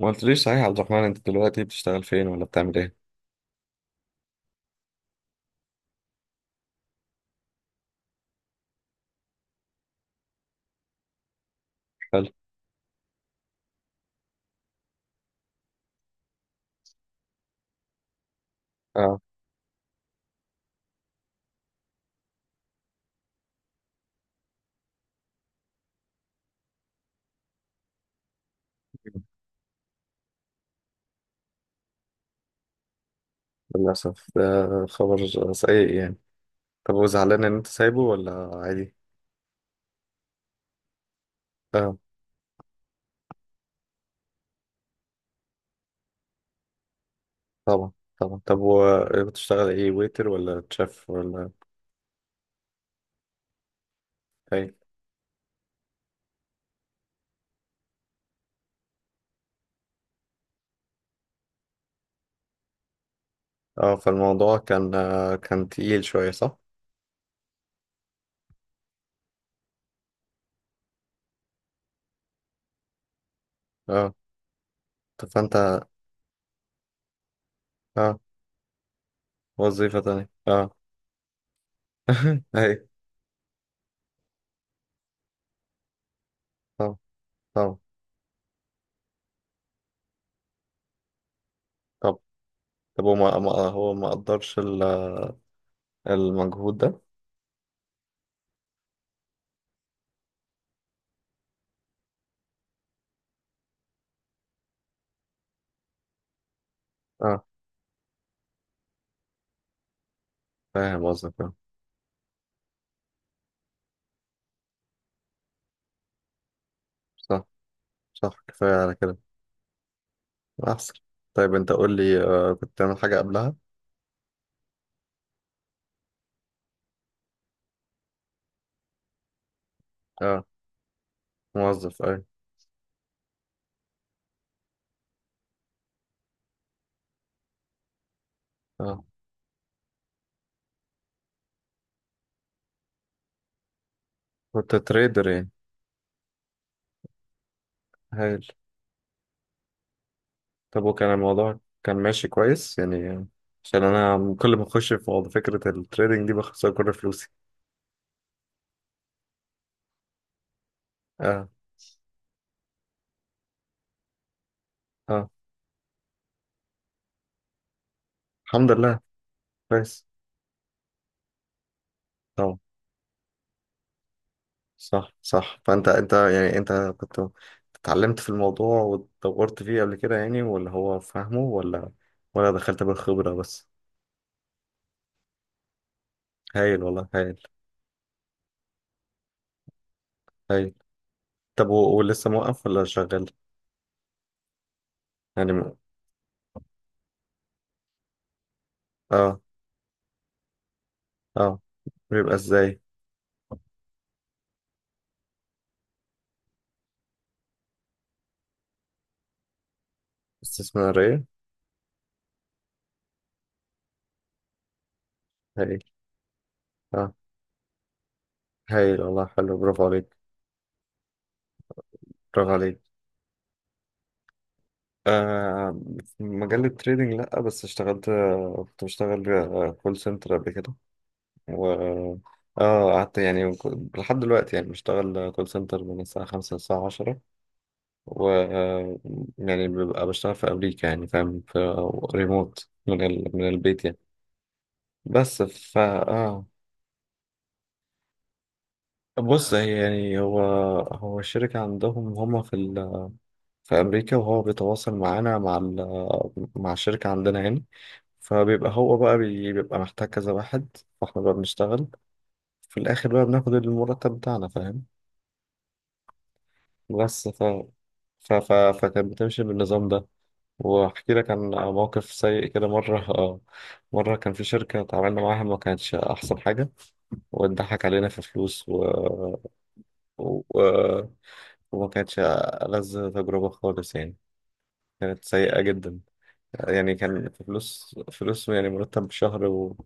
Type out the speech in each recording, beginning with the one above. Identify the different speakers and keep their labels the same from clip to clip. Speaker 1: ما قلتليش صحيح يا عبد الرحمن، انت دلوقتي بتشتغل فين ولا بتعمل ايه؟ حلو. اه. للأسف، ده خبر سيء يعني. طب، وزعلان ان انت سايبه ولا عادي؟ اه. طبعا، طبعا. طب، وبتشتغل ايه، ويتر ولا تشيف ولا ايه؟ اه، فالموضوع كان، كان تقيل شوية صح؟ اه. طب فانت. اه. وظيفة تانية، اه. ايوه. طبعا، طبعا. طب. طب هو هو ما قدرش المجهود ده؟ اه، فاهم قصدك، اه. صح، صح، كفاية على كده. أحسن. طيب، أنت قول لي، كنت تعمل حاجة قبلها؟ أه. موظف أي. أه. كنت تريدر يعني؟ هايل. طب، وكان الموضوع كان ماشي كويس يعني؟ عشان أنا كل ما أخش في موضوع فكرة التريدنج دي بخسر كل فلوسي. أه، أه. الحمد لله، كويس. طبعا. صح، صح، فأنت يعني أنت كنت اتعلمت في الموضوع واتطورت فيه قبل كده يعني، ولا هو فاهمه، ولا دخلت بالخبرة بس؟ هايل والله، هايل. هايل. طب، ولسه موقف ولا شغال؟ يعني، اه، اه. بيبقى ازاي؟ استثمارية. هايل. اه، هايل والله، حلو، برافو عليك. برافو عليك. آه. في مجال التريدينج لأ، بس اشتغلت، كنت بشتغل كول سنتر قبل كده، و اه قعدت يعني لحد دلوقتي، يعني بشتغل كول سنتر من الساعة خمسة للساعة عشرة، و يعني ببقى بشتغل في أمريكا يعني، فاهم، في ريموت من البيت يعني. بس، ف اه بص، هي يعني، هو الشركة عندهم، هما في أمريكا، وهو بيتواصل معانا مع مع الشركة عندنا يعني. فبيبقى هو بقى، بيبقى محتاج كذا واحد، فاحنا بقى بنشتغل، في الآخر بقى بناخد المرتب بتاعنا، فاهم؟ بس، فكانت بتمشي بالنظام ده. وأحكي لك عن موقف سيء كده مرة. مرة كان في شركة اتعاملنا معاها، ما كانتش أحسن حاجة، واتضحك علينا في فلوس، و... وما كانتش ألذ تجربة خالص يعني. كانت سيئة جدا. يعني كان في فلوس، فلوس، يعني مرتب شهر، و...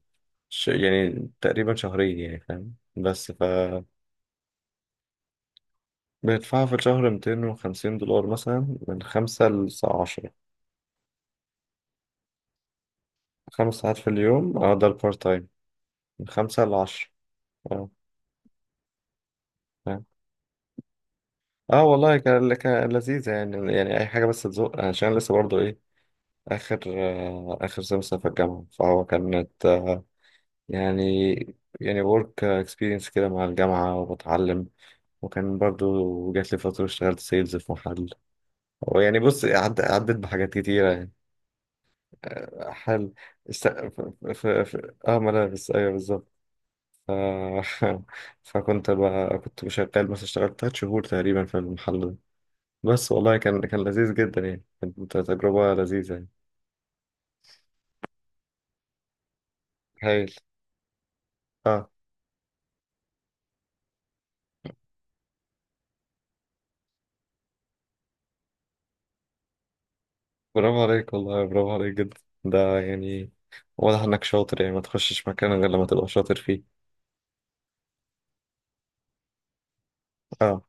Speaker 1: ش... يعني تقريبا شهرين يعني، فاهم؟ بس، بندفعها في الشهر $250 مثلا، من خمسة للساعة عشرة. 5 ساعات في اليوم، اه، ده البارت تايم، من خمسة لعشرة. اه، فاهم. اه والله، كان لذيذة يعني، يعني أي حاجة بس تزق، عشان لسه برضه إيه، آخر سمستر في الجامعة، فهو كانت، يعني يعني work experience كده مع الجامعة وبتعلم. وكان برضو جات لي فترة اشتغلت سيلز في محل، ويعني بص، عدت بحاجات كتيرة يعني. آه، حل است... ف... ف... ف... اه، ملابس، ايوه بالظبط. ف... فكنت بقى، كنت شغال مثلا، اشتغلت 3 شهور تقريبا في المحل ده. بس والله كان لذيذ جدا يعني، كانت تجربة لذيذة يعني. هايل. برافو عليك والله، برافو عليك جدا. ده يعني واضح انك شاطر، يعني ما تخشش مكان غير لما تبقى شاطر فيه. اه،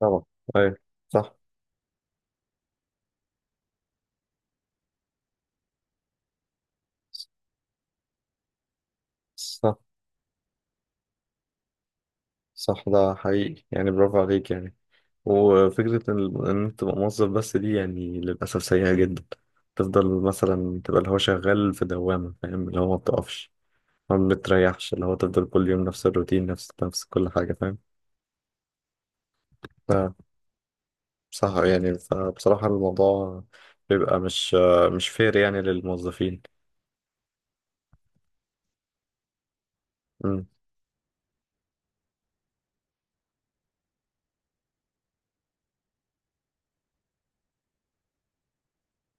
Speaker 1: طبعا. ايوه. صح، صح، صح، ده حقيقي يعني، برافو عليك يعني. وفكرة ان انت تبقى موظف بس دي، يعني للأسف سيئة جدا. تفضل مثلا تبقى اللي هو شغال في دوامة، فاهم، اللي هو ما بتقفش، ما بتريحش، اللي هو تفضل كل يوم نفس الروتين، نفس كل حاجة، فاهم. صح يعني، فبصراحة الموضوع بيبقى، مش فير يعني للموظفين. امم.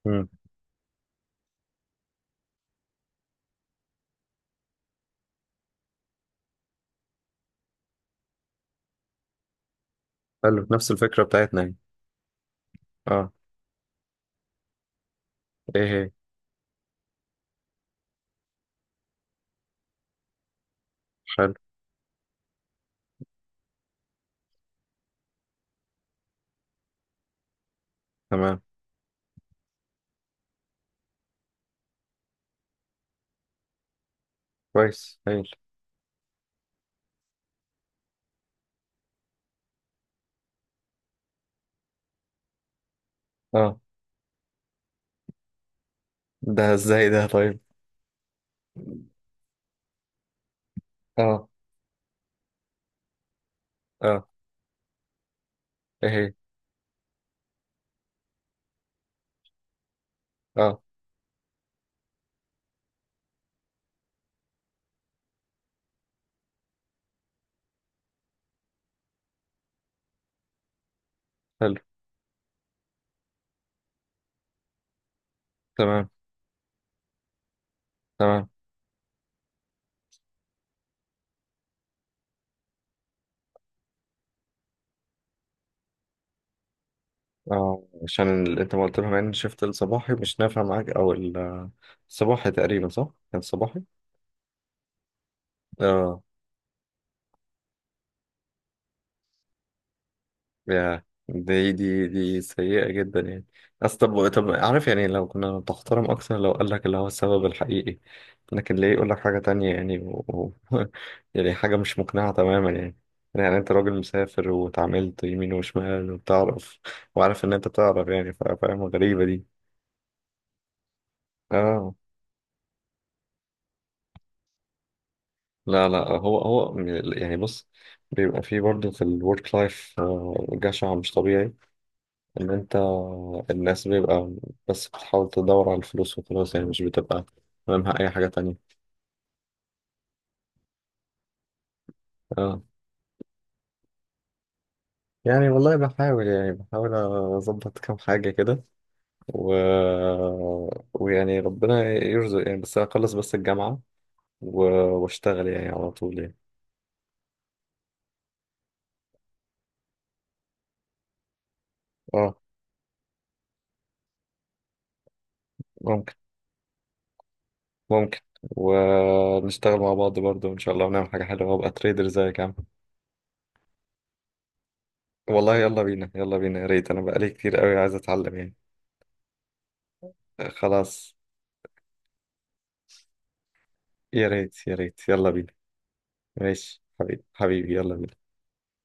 Speaker 1: امم. حلو، نفس الفكرة بتاعتنا يعني. اه. ايه هي؟ حلو. تمام. كويس، هايل. اه، ده ازاي ده؟ طيب. اه. اه، ايه هي؟ اه. حلو. تمام، تمام. اه، عشان انت ما قلت لهم ان شفت الصباحي مش نافع معاك، او الصباحي تقريبا، صح؟ كان صباحي؟ اه. يا دي دي دي، سيئة جدا يعني. أصل، طب، عارف يعني، لو كنا بتحترم أكتر، لو قال لك اللي هو السبب الحقيقي، لكن ليه يقول لك حاجة تانية يعني، و... يعني حاجة مش مقنعة تماما يعني. يعني أنت راجل مسافر، واتعاملت يمين وشمال وبتعرف، وعارف إن أنت بتعرف يعني، فاهم، غريبة دي. آه. لا، لا، هو يعني، بص، بيبقى فيه برضه في الورك لايف جشع مش طبيعي، ان انت، الناس بيبقى، بس بتحاول تدور على الفلوس وخلاص، يعني مش بتبقى همها اي حاجة تانية. اه، يعني والله بحاول، يعني بحاول اظبط كام حاجة كده، و... ويعني ربنا يرزق يعني، بس اخلص بس الجامعة، و... واشتغل يعني على طول يعني. اه. ممكن، ممكن. ونشتغل مع بعض برضو ان شاء الله، ونعمل حاجة حلوة، وابقى تريدر زيك يا عم. والله، يلا بينا، يلا بينا، يا ريت، انا بقالي كتير قوي عايز اتعلم يعني. خلاص، يا ريت، يا ريت، يلا بينا. ماشي حبيبي، حبيبي، يلا بينا.